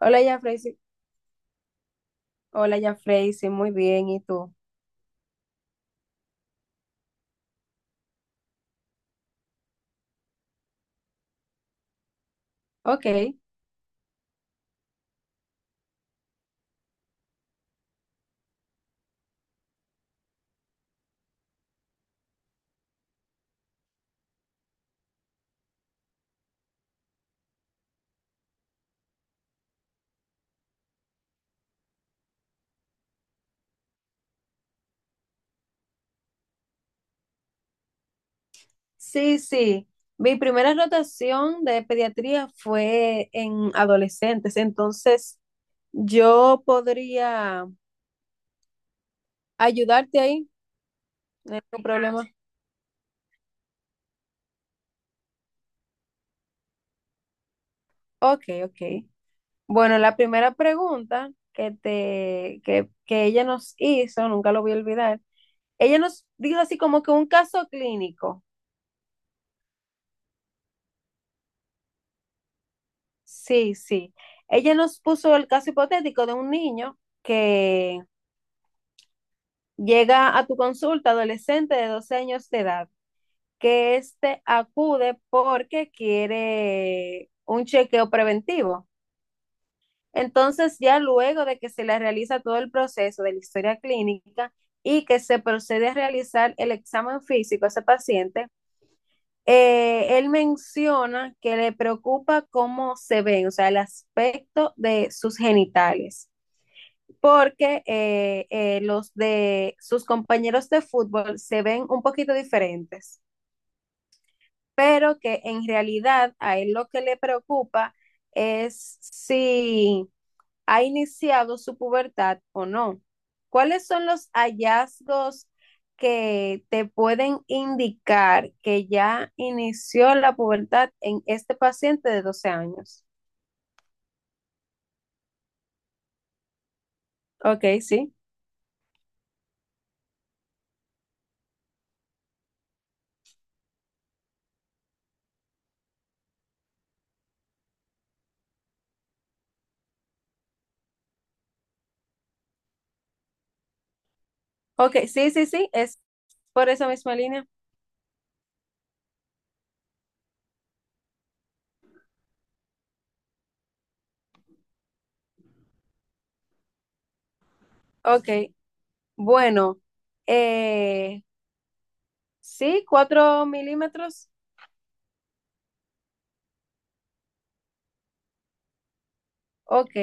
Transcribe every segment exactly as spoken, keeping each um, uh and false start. Hola, ya Freysi. Hola, ya Freysi. Muy bien. ¿Y tú? Ok. Sí, sí. Mi primera rotación de pediatría fue en adolescentes. Entonces, yo podría ayudarte ahí. No hay ningún problema. Ok, ok. Bueno, la primera pregunta que te, que, que ella nos hizo, nunca lo voy a olvidar. Ella nos dijo así como que un caso clínico. Sí, sí. Ella nos puso el caso hipotético de un niño que llega a tu consulta, adolescente de doce años de edad, que éste acude porque quiere un chequeo preventivo. Entonces, ya luego de que se le realiza todo el proceso de la historia clínica y que se procede a realizar el examen físico a ese paciente, eh, él menciona que le preocupa cómo se ven, o sea, el aspecto de sus genitales, porque eh, eh, los de sus compañeros de fútbol se ven un poquito diferentes, pero que en realidad a él lo que le preocupa es si ha iniciado su pubertad o no. ¿Cuáles son los hallazgos que te pueden indicar que ya inició la pubertad en este paciente de doce años? Ok, sí. Ok, sí, sí, sí, es por esa misma línea. Ok. Bueno, eh, sí, cuatro milímetros. Ok.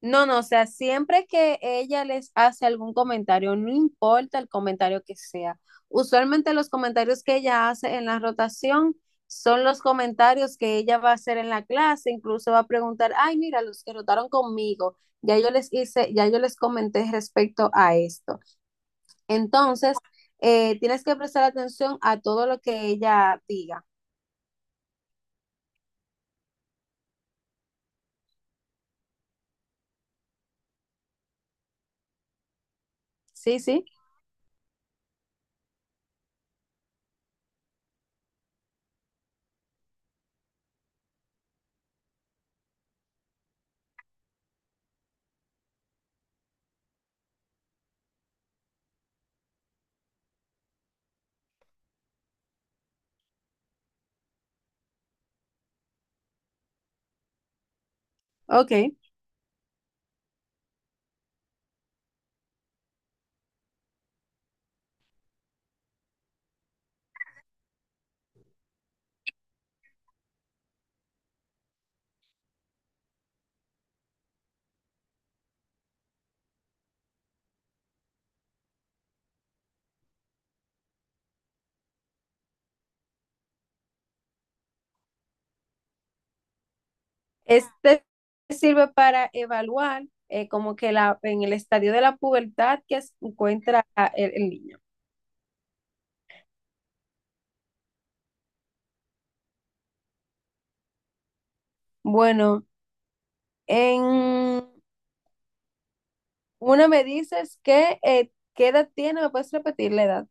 No, no, o sea, siempre que ella les hace algún comentario, no importa el comentario que sea. Usualmente los comentarios que ella hace en la rotación son los comentarios que ella va a hacer en la clase, incluso va a preguntar, ay, mira, los que rotaron conmigo, ya yo les hice, ya yo les comenté respecto a esto. Entonces, eh, tienes que prestar atención a todo lo que ella diga. Sí, sí, ok. Este sirve para evaluar, eh, como que la, en el estadio de la pubertad que se encuentra, ah, el, el niño. Bueno, en una me dices que, eh, ¿qué edad tiene? ¿Me puedes repetir la edad?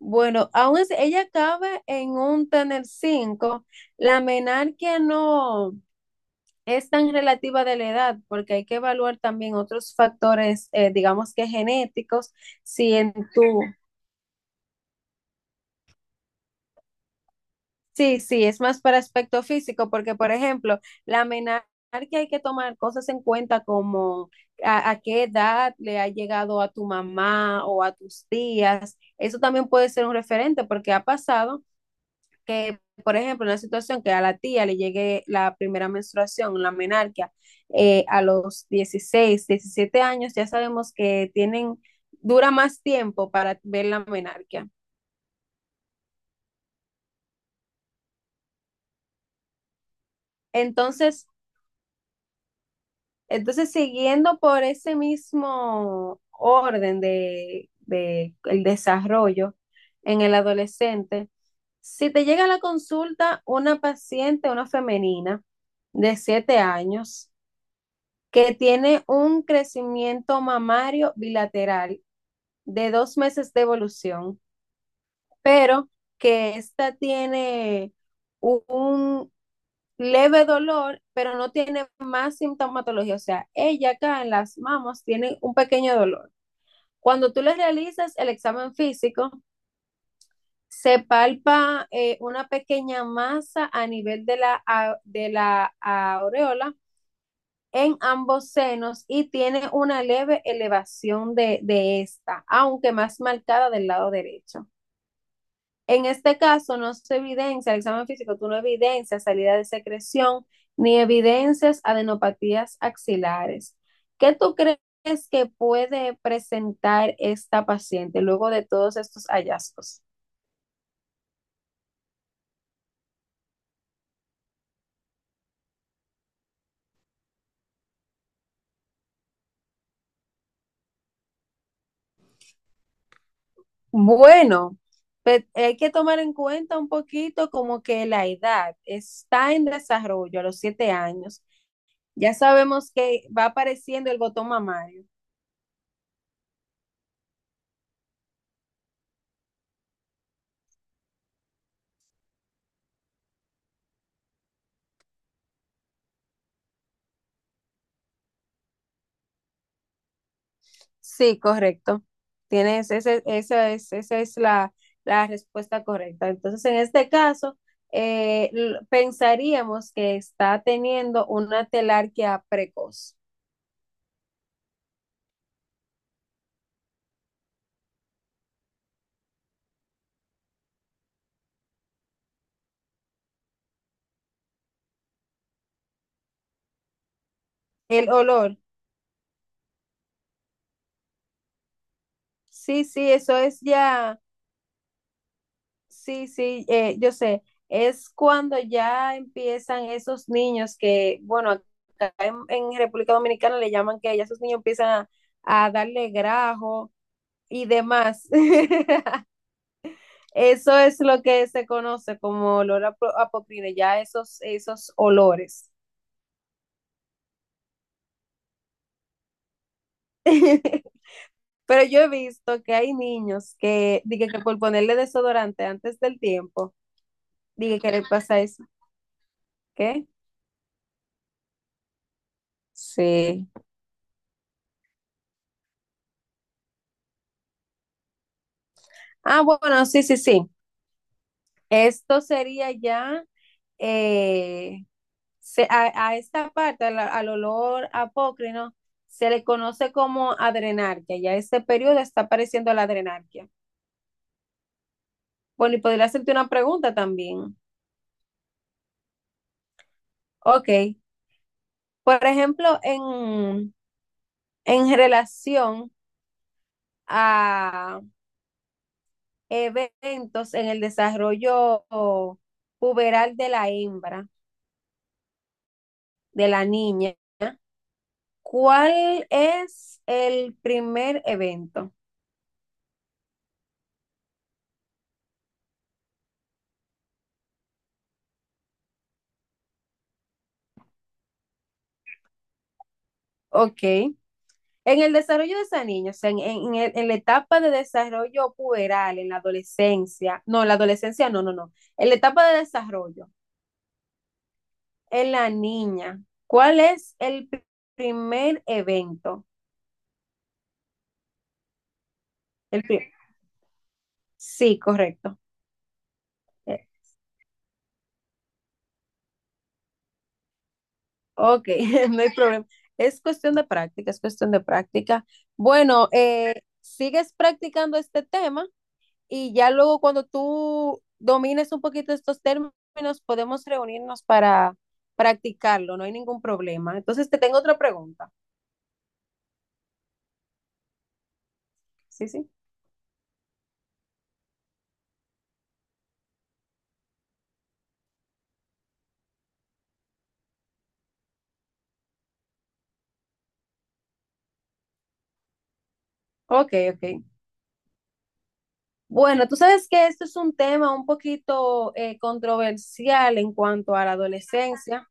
Bueno, aún es- ella cabe en un tener cinco. La menarquia no es tan relativa de la edad, porque hay que evaluar también otros factores, eh, digamos que genéticos, si en tu. Sí, sí, es más para aspecto físico, porque por ejemplo, la menarquia hay que tomar cosas en cuenta como a, a qué edad le ha llegado a tu mamá o a tus tías. Eso también puede ser un referente, porque ha pasado que, por ejemplo, en una situación que a la tía le llegue la primera menstruación, la menarquia, eh, a los dieciséis, diecisiete años, ya sabemos que tienen, dura más tiempo para ver la menarquia. Entonces, Entonces, siguiendo por ese mismo orden de, de el desarrollo en el adolescente, si te llega a la consulta una paciente, una femenina de siete años, que tiene un crecimiento mamario bilateral de dos meses de evolución, pero que esta tiene un leve dolor, pero no tiene más sintomatología. O sea, ella acá en las mamas tiene un pequeño dolor. Cuando tú le realizas el examen físico, se palpa, eh, una pequeña masa a nivel de la, a- de la aureola en ambos senos, y tiene una leve elevación de, de esta, aunque más marcada del lado derecho. En este caso no se evidencia, el examen físico, tú no evidencias salida de secreción ni evidencias adenopatías axilares. ¿Qué tú crees que puede presentar esta paciente luego de todos estos hallazgos? Bueno, pues, hay que tomar en cuenta un poquito como que la edad está en desarrollo a los siete años. Ya sabemos que va apareciendo el botón mamario. Sí, correcto. Tienes, ese, esa es, esa es la, la respuesta correcta. Entonces, en este caso, eh, l- pensaríamos que está teniendo una telarquía precoz. El olor, sí, sí, eso es ya, sí, sí, eh, yo sé, es cuando ya empiezan esos niños que, bueno, acá en, en República Dominicana le llaman que ya esos niños empiezan a, a darle grajo y demás. Eso es lo que se conoce como olor a pro- a ya esos, esos olores. Pero yo he visto que hay niños que, dije que por ponerle desodorante antes del tiempo, dije que le pasa eso. ¿Qué? Sí. Ah, bueno, sí, sí, sí. Esto sería ya, eh, se- a, a esta parte, al, al olor apócrino, ¿no? Se le conoce como adrenarquia. Ya este periodo está apareciendo la adrenarquia. Bueno, y podría hacerte una pregunta también. Ok, por ejemplo, en, en relación a eventos en el desarrollo puberal de la hembra, de la niña, ¿cuál es el primer evento? Ok, en el desarrollo de esa niña, o sea, en, en- en- el- en la etapa de desarrollo puberal, en la adolescencia, no, en la adolescencia, no, no, no, en la etapa de desarrollo, en la niña, ¿cuál es el pri- primer evento? El pri- sí, correcto. Eh, ok. No hay problema. Es cuestión de práctica, es cuestión de práctica. Bueno, eh, sigues practicando este tema, y ya luego cuando tú domines un poquito estos términos, podemos reunirnos para practicarlo, no hay ningún problema. Entonces, te tengo otra pregunta. Sí, sí. Ok, ok. Bueno, tú sabes que esto es un tema un poquito eh, controversial en cuanto a la adolescencia.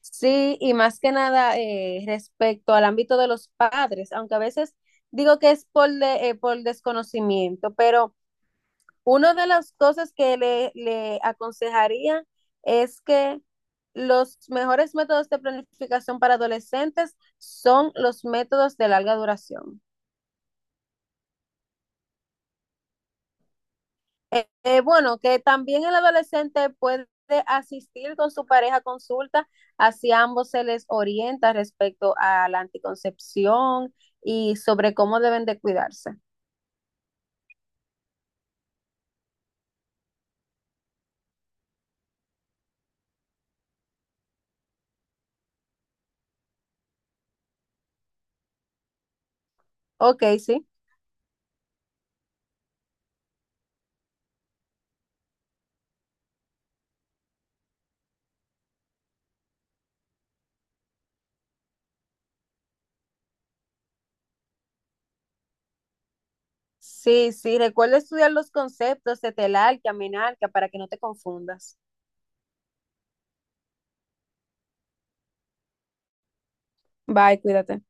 Sí, y más que nada, eh, respecto al ámbito de los padres, aunque a veces digo que es por, de- eh, por desconocimiento, pero una de las cosas que le, le aconsejaría es que los mejores métodos de planificación para adolescentes son los métodos de larga duración. Eh, eh, bueno, que también el adolescente puede asistir con su pareja a consulta, así a ambos se les orienta respecto a la anticoncepción y sobre cómo deben de cuidarse. Ok, sí. Sí, sí, recuerda estudiar los conceptos de telar, que para que no te confundas. Bye, cuídate.